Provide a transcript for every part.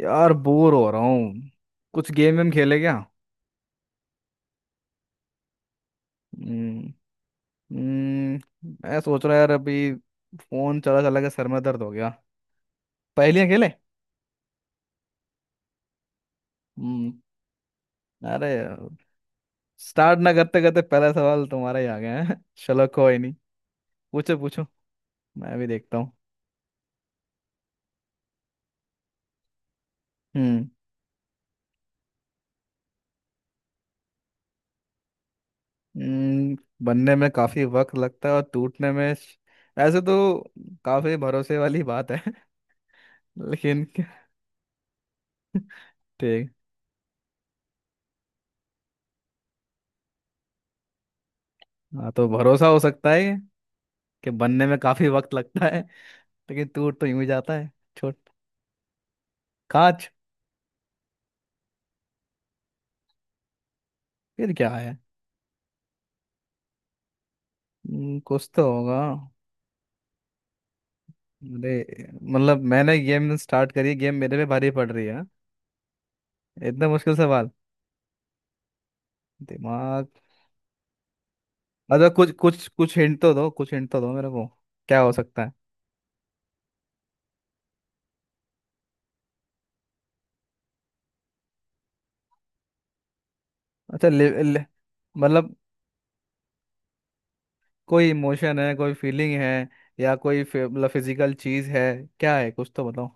यार, बोर हो रहा हूँ। कुछ गेम वेम खेले क्या। हम्म। हम्म, मैं सोच रहा यार अभी फोन चला चला के सर में दर्द हो गया। पहेलियां खेले। हम्म। अरे, स्टार्ट ना करते करते पहला सवाल तुम्हारा ही आ गया है चलो, कोई नहीं, पूछो पूछो, मैं भी देखता हूँ। हम्म हम्म, बनने में काफी वक्त लगता है और टूटने में, ऐसे तो काफी भरोसे वाली बात है लेकिन ठीक। हाँ, तो भरोसा हो सकता है कि बनने में काफी वक्त लगता है लेकिन टूट तो यूं ही जाता है। छोट कांच। फिर क्या है। कुछ तो होगा। अरे मतलब मैंने गेम स्टार्ट करी, गेम मेरे पे भारी पड़ रही है हाँ? इतना मुश्किल सवाल। दिमाग। अच्छा, कुछ कुछ कुछ हिंट तो दो, कुछ हिंट तो दो मेरे को। क्या हो सकता है। अच्छा, ले, मतलब कोई इमोशन है, कोई फीलिंग है, या मतलब फिजिकल चीज है, क्या है, कुछ तो बताओ।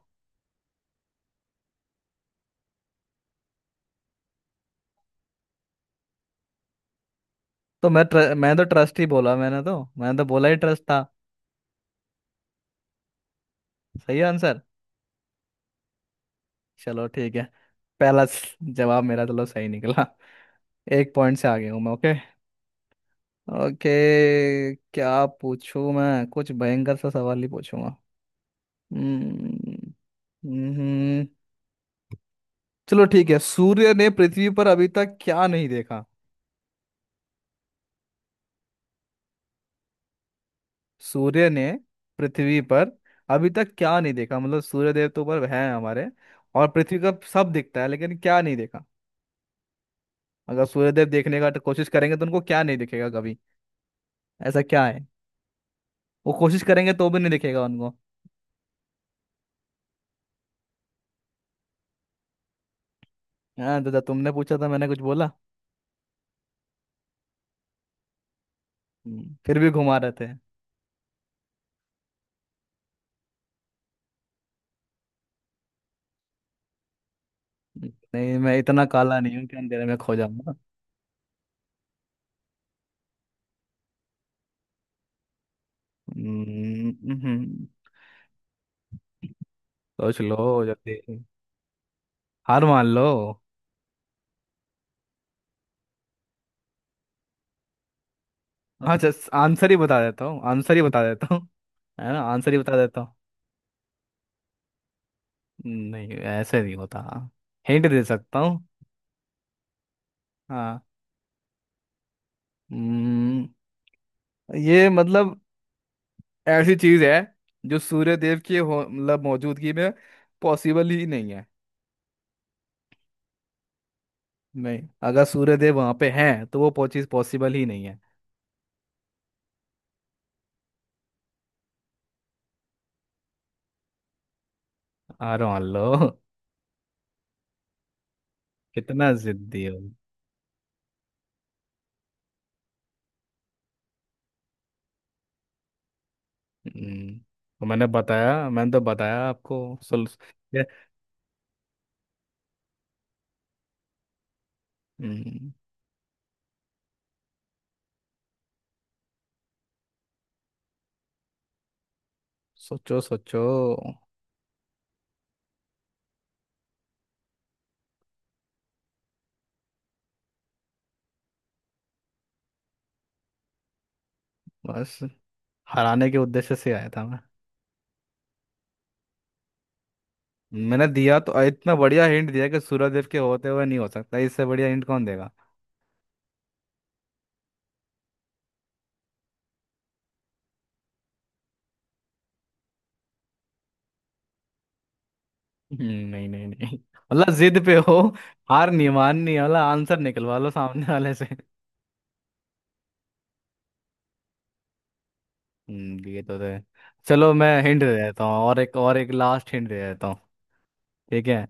तो मैं तो ट्रस्ट ही बोला, मैंने तो बोला ही ट्रस्ट था। सही आंसर। चलो ठीक है। जवाब मेरा चलो सही निकला। एक पॉइंट से आगे हूँ मैं। ओके। ओके। क्या पूछूं मैं, कुछ भयंकर सा सवाल ही पूछूंगा। हम्म, हम्म, हम्म। चलो ठीक है। सूर्य ने पृथ्वी पर अभी तक क्या नहीं देखा। सूर्य ने पृथ्वी पर अभी तक क्या नहीं देखा, मतलब सूर्य देव तो ऊपर है हमारे और पृथ्वी का सब दिखता है, लेकिन क्या नहीं देखा। अगर सूर्यदेव देखने का तो कोशिश करेंगे तो उनको क्या नहीं दिखेगा कभी। ऐसा क्या है, वो कोशिश करेंगे तो भी नहीं दिखेगा उनको। हाँ दादा, तुमने पूछा था, मैंने कुछ बोला। फिर भी घुमा रहे थे। नहीं, मैं इतना काला नहीं हूँ कि अंधेरे में खो जाऊंगा। हम्म, हम्म, सोच लो जल्दी। हार मान लो। अच्छा, आंसर ही बता देता हूँ, आंसर ही बता देता हूँ, है ना, आंसर ही बता देता हूँ। नहीं, ऐसे नहीं होता। हिंट दे सकता हूँ। हाँ। हम्म, ये मतलब ऐसी चीज है जो सूर्य देव की हो, मतलब मौजूदगी में पॉसिबल ही नहीं है। नहीं, अगर सूर्यदेव वहां पे हैं तो चीज पॉसिबल ही नहीं है। अरे मान लो कितना जिद्दी हो। तो मैंने बताया, मैंने तो बताया आपको। सुल ये- हम्म, सोचो सोचो। बस, हराने के उद्देश्य से आया था मैं। मैंने दिया तो, इतना बढ़िया हिंट दिया कि सूर्यदेव के होते हुए नहीं हो सकता, इससे बढ़िया हिंट कौन देगा। हम्म, नहीं नहीं नहीं, मतलब जिद पे हो, हार नहीं माननी है, मतलब आंसर निकलवा लो सामने वाले से। हम्म, ये तो है। चलो मैं हिंट दे देता हूँ, और एक, और एक लास्ट हिंट दे देता हूँ। ठीक है,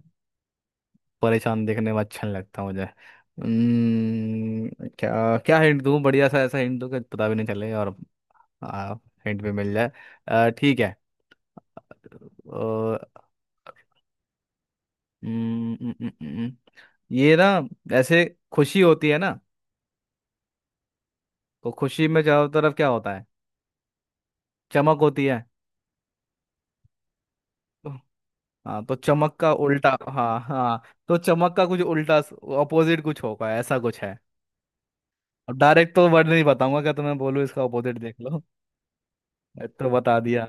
परेशान देखने में अच्छा नहीं लगता मुझे। क्या क्या हिंट दूँ, बढ़िया सा ऐसा हिंट दूँ कि पता भी नहीं चले और आ, हिंट भी मिल जाए। ठीक है। हम्म, हम्म, हम्म, हम्म, ये ना, ऐसे खुशी होती है ना, तो खुशी में चारों तरफ क्या होता है, चमक होती है। तो- हाँ, तो चमक का उल्टा, हाँ हाँ, तो चमक का कुछ उल्टा, अपोजिट कुछ होगा, ऐसा कुछ है। अब डायरेक्ट तो वर्ड नहीं बताऊंगा, क्या तुम्हें बोलूँ, इसका अपोजिट देख लो, ये तो बता दिया।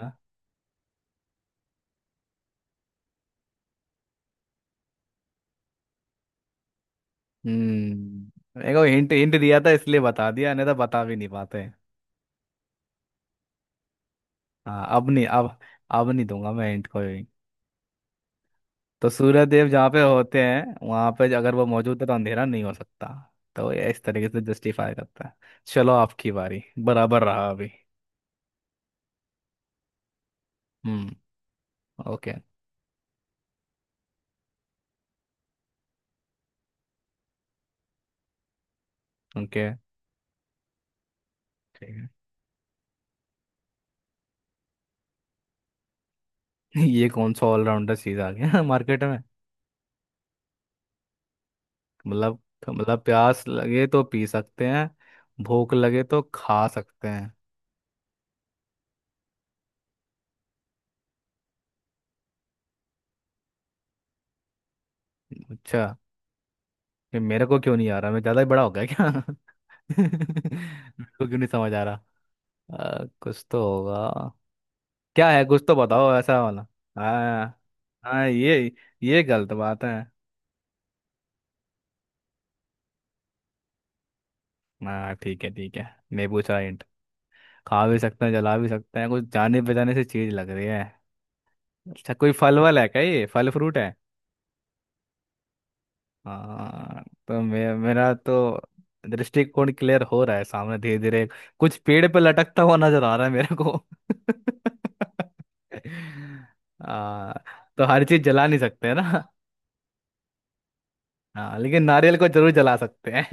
हम्म, देखो, हिंट हिंट दिया था इसलिए बता दिया, नहीं तो बता भी नहीं पाते। हाँ, अब नहीं, अब, अब नहीं दूंगा मैं हिंट कोई। तो सूर्य देव जहाँ पे होते हैं वहां पे अगर वो मौजूद है तो अंधेरा नहीं हो सकता, तो ये इस तरीके से जस्टिफाई करता है। चलो आपकी बारी, बराबर रहा अभी। हम्म। ओके। ओके। ये कौन सा ऑलराउंडर चीज आ गया मार्केट में। मतलब, मतलब प्यास लगे तो पी सकते हैं, भूख लगे तो खा सकते हैं। अच्छा। ये मेरे को क्यों नहीं आ रहा, मैं ज्यादा ही बड़ा हो गया क्या मेरे को क्यों नहीं समझ आ रहा। कुछ तो होगा। क्या है, कुछ तो बताओ ऐसा वाला। हाँ, हाँ ये गलत बात है। हाँ ठीक है ठीक है। नींबू चाय हिंट। खा भी सकते हैं, जला भी सकते हैं, कुछ जाने पहचाने से चीज लग रही है। अच्छा, कोई फल वल है क्या, ये फल फ्रूट है। हाँ तो मेरा तो दृष्टिकोण क्लियर हो रहा है सामने धीरे धीरे, कुछ पेड़ पे लटकता हुआ नजर आ रहा है मेरे को। आ, तो हर चीज जला नहीं सकते है ना, हाँ, लेकिन नारियल को जरूर जला सकते हैं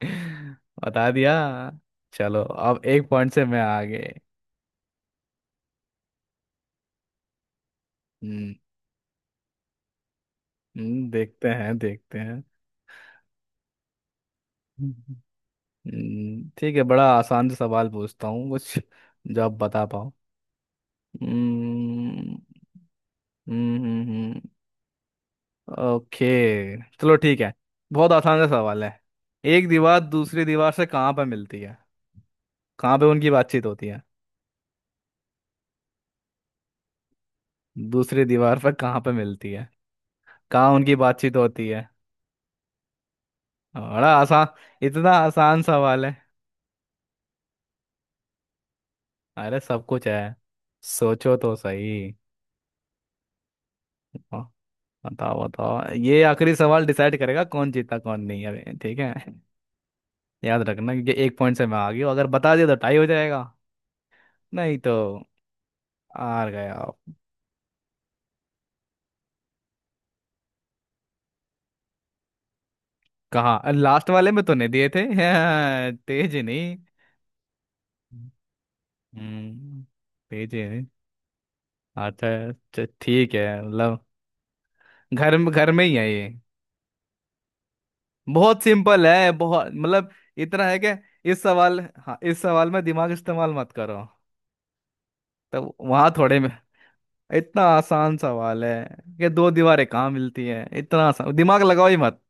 बता दिया। चलो, अब एक पॉइंट से मैं आगे। हम्म। देखते हैं देखते हैं। हम्म, ठीक है, बड़ा आसान सा सवाल पूछता हूँ कुछ, जो आप बता पाओ। हम्म, हम्म हम्म हम्म, ओके चलो ठीक है, बहुत आसान सा सवाल है। एक दीवार दूसरी दीवार से कहाँ पे मिलती है, कहाँ पे उनकी बातचीत होती है। दूसरी दीवार पर कहाँ पे मिलती है, कहाँ उनकी बातचीत होती है। बड़ा आसान, इतना आसान सवाल है। अरे सब कुछ है, सोचो तो सही। ब- बताओ बताओ, ये आखिरी सवाल डिसाइड करेगा कौन जीता कौन नहीं, अरे ठीक है, याद रखना, क्योंकि एक पॉइंट से मैं आ गई हूँ, अगर बता दिया तो टाई हो जाएगा, नहीं तो हार गया। कहाँ, लास्ट वाले में तो नहीं दिए थे हाँ, तेज नहीं। हम्म। तेज है। अच्छा अच्छा, ठीक है, मतलब घर में, घर में ही है ये। बहुत सिंपल है, बहुत मतलब, इतना है कि, इस सवाल, हाँ, इस सवाल में दिमाग इस्तेमाल मत करो। तो वहां थोड़े में, इतना आसान सवाल है कि दो दीवारें कहाँ मिलती है, इतना आसान, दिमाग लगाओ ही मत।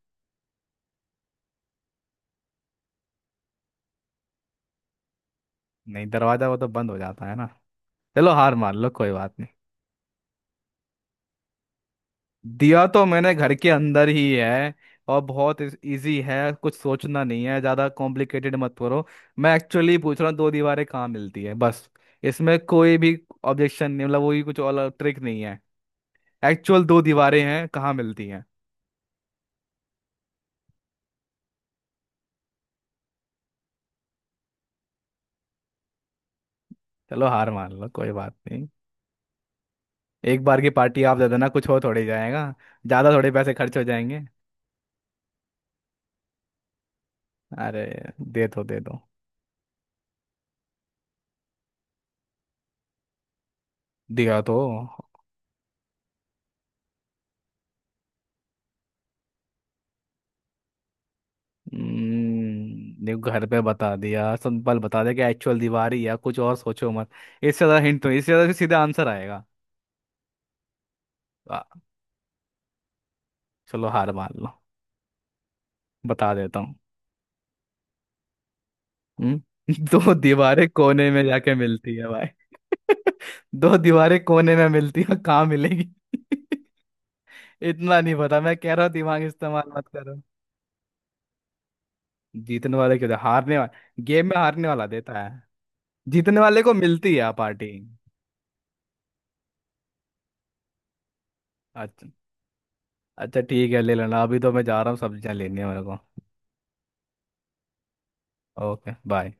नहीं, दरवाजा वो तो बंद हो जाता है ना। चलो हार मान लो, कोई बात। दिया तो मैंने, घर के अंदर ही है। और बहुत इजी है, कुछ सोचना नहीं है ज़्यादा, कॉम्प्लिकेटेड मत करो। मैं एक्चुअली पूछ रहा हूँ दो दीवारें कहाँ मिलती है, बस, इसमें कोई भी ऑब्जेक्शन नहीं, मतलब वही, कुछ और ट्रिक नहीं है, एक्चुअल दो दीवारें हैं, कहाँ मिलती हैं। चलो हार मान लो, कोई बात नहीं, एक बार की पार्टी आप दे देना, कुछ हो थोड़ी जाएगा, ज़्यादा थोड़े पैसे खर्च हो जाएंगे। अरे दे दो, दिया तो। देखो घर पे बता दिया, सिंपल बता दिया कि एक्चुअल दीवार ही है, कुछ और सोचो मत। इससे ज्यादा हिंट तो, इससे ज्यादा सीधा आंसर आएगा। आ, चलो हार मान लो, बता देता हूँ। हम्म? दो दीवारें कोने में जाके मिलती है भाई दो दीवारें कोने में मिलती है, कहाँ मिलेगी इतना नहीं पता, मैं कह रहा हूँ दिमाग इस्तेमाल मत करो। जीतने वाले क्यों, हारने वाले, गेम में हारने वाला देता है। जीतने वाले को मिलती है पार्टी। अच्छा अच्छा ठीक है, ले लेना, अभी तो मैं जा रहा हूँ, सब्जियाँ लेनी है मेरे को। Okay bye.